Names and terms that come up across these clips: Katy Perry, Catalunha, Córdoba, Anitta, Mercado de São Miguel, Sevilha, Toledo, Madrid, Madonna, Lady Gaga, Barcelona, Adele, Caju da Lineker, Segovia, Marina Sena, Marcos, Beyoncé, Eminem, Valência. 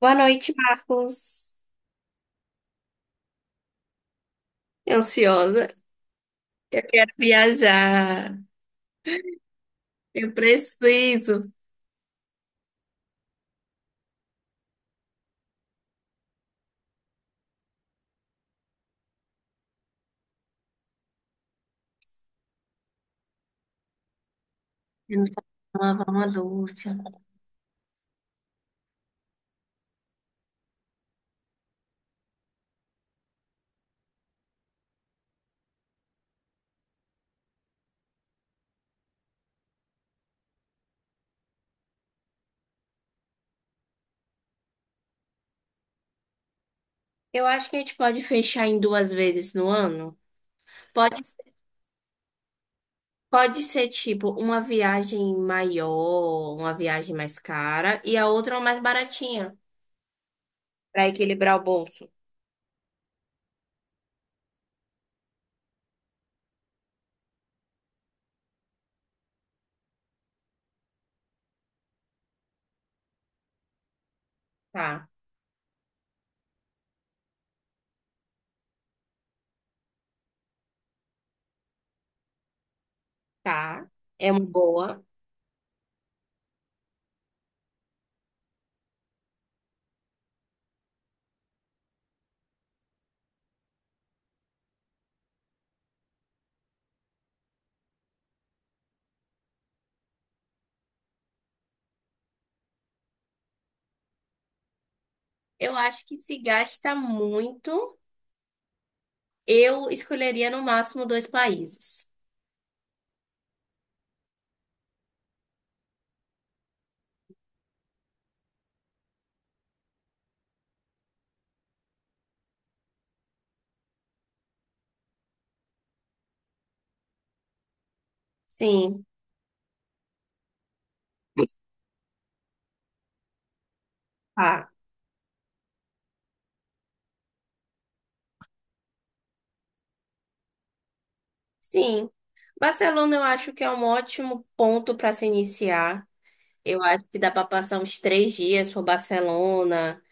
Boa noite, Marcos. Ansiosa. Eu quero viajar. Eu preciso. Eu não sabia lavar uma louça. Eu acho que a gente pode fechar em duas vezes no ano. Pode ser, pode ser tipo uma viagem maior, uma viagem mais cara e a outra é uma mais baratinha, para equilibrar o bolso. Tá, tá. É uma boa. Eu acho que se gasta muito, eu escolheria no máximo dois países. Sim, tá. Sim, Barcelona eu acho que é um ótimo ponto para se iniciar. Eu acho que dá para passar uns 3 dias por Barcelona,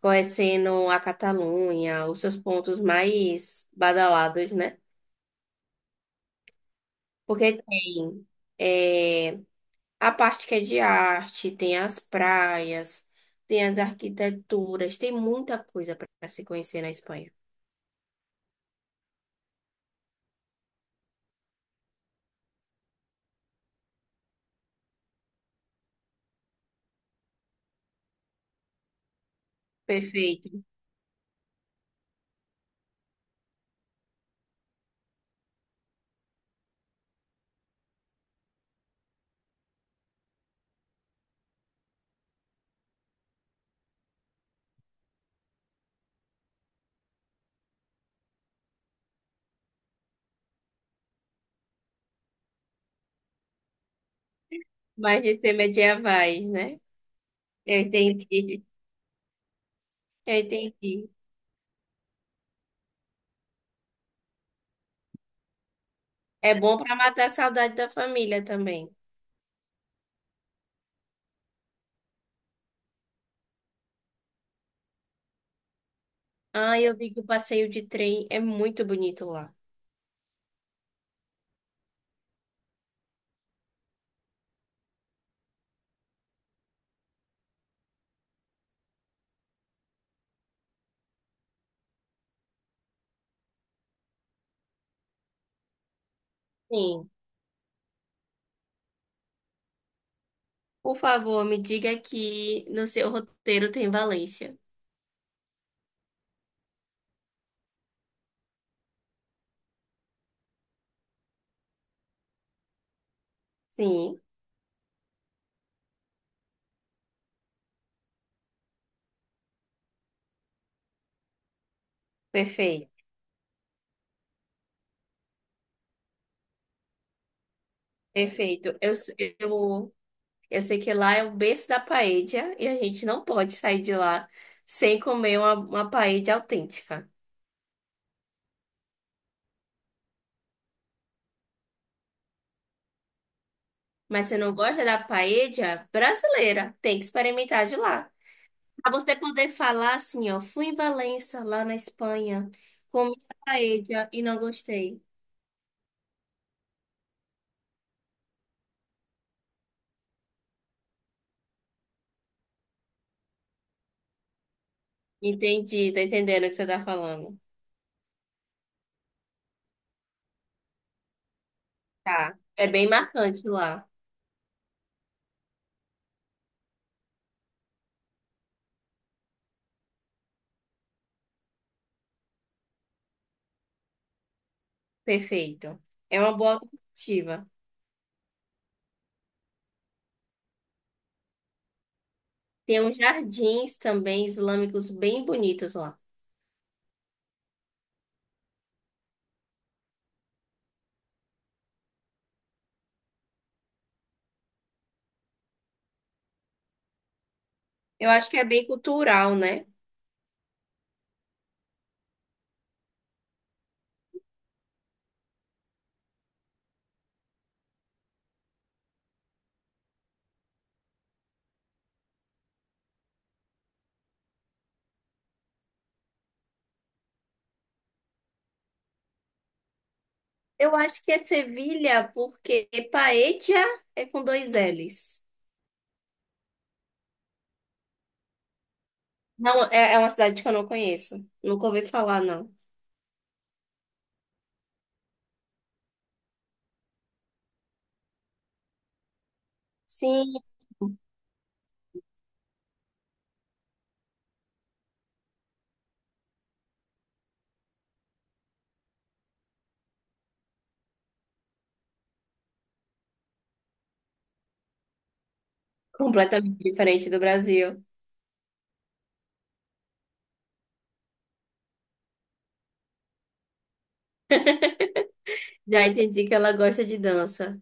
conhecendo a Catalunha, os seus pontos mais badalados, né? Porque tem eh, a parte que é de arte, tem as praias, tem as arquiteturas, tem muita coisa para se conhecer na Espanha. Perfeito. Mas de ser medievais, né? Eu entendi. Eu entendi. É bom para matar a saudade da família também. Ah, eu vi que o passeio de trem é muito bonito lá. Sim. Por favor, me diga que no seu roteiro tem Valência. Sim, perfeito. Perfeito. Eu, eu sei que lá é o berço da paella e a gente não pode sair de lá sem comer uma paella autêntica. Mas se não gosta da paella brasileira, tem que experimentar de lá. Para você poder falar assim, ó, fui em Valença, lá na Espanha, comi paella e não gostei. Entendi, tô entendendo o que você tá falando. Tá. É bem marcante lá. Perfeito. É uma boa alternativa. Tem uns jardins também islâmicos bem bonitos lá. Eu acho que é bem cultural, né? Eu acho que é Sevilha, porque Paella é com dois L's. Não, é é uma cidade que eu não conheço. Nunca ouvi falar, não. Sim, completamente diferente do Brasil. Já entendi que ela gosta de dança.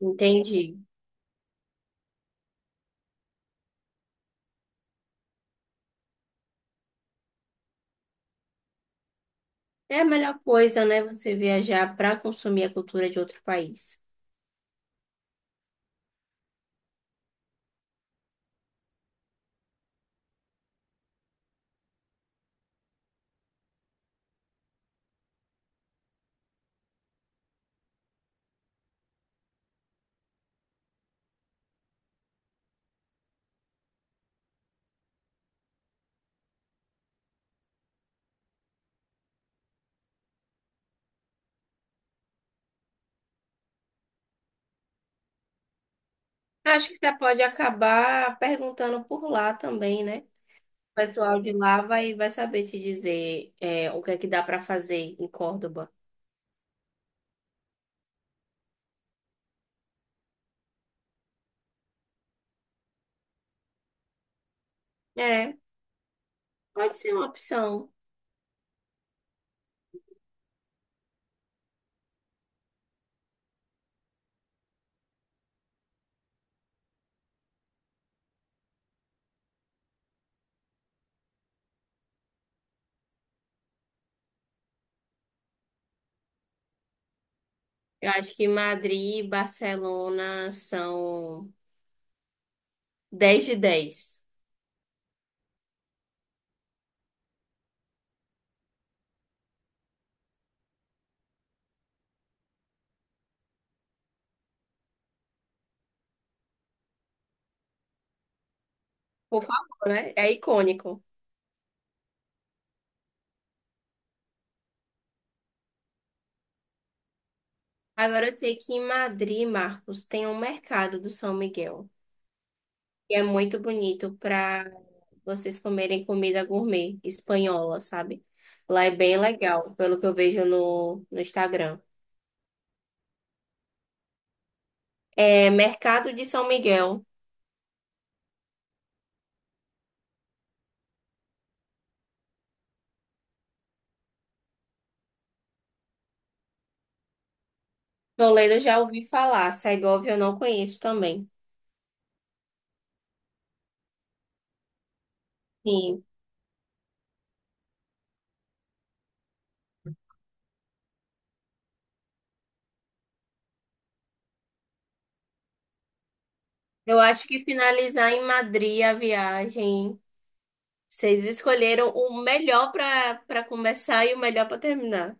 Entendi. É a melhor coisa, né? Você viajar para consumir a cultura de outro país. Acho que você pode acabar perguntando por lá também, né? O pessoal de lá vai saber te dizer o que é que dá para fazer em Córdoba. É, pode ser uma opção. Eu acho que Madrid e Barcelona são 10 de 10. Por favor, né? É icônico. Agora eu sei que em Madrid, Marcos, tem um mercado do São Miguel, que é muito bonito para vocês comerem comida gourmet espanhola, sabe? Lá é bem legal, pelo que eu vejo no Instagram. É Mercado de São Miguel. Toledo eu já ouvi falar, Segovia eu não conheço também. Sim, eu acho que finalizar em Madrid a viagem, vocês escolheram o melhor para começar e o melhor para terminar.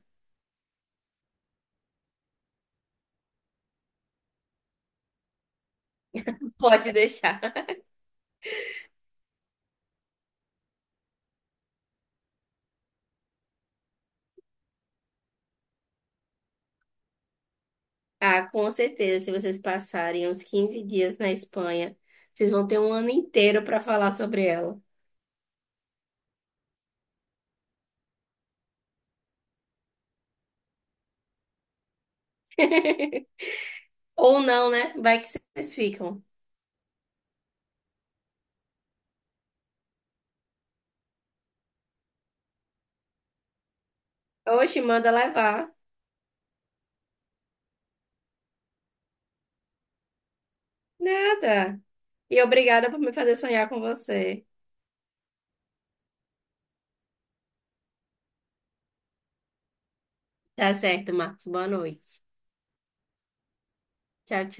Pode deixar. Ah, com certeza, se vocês passarem uns 15 dias na Espanha, vocês vão ter um ano inteiro para falar sobre ela. Ou não, né? Vai que vocês ficam. Oxe, manda levar. Nada. E obrigada por me fazer sonhar com você. Tá certo, Marcos. Boa noite. Tchau, tchau.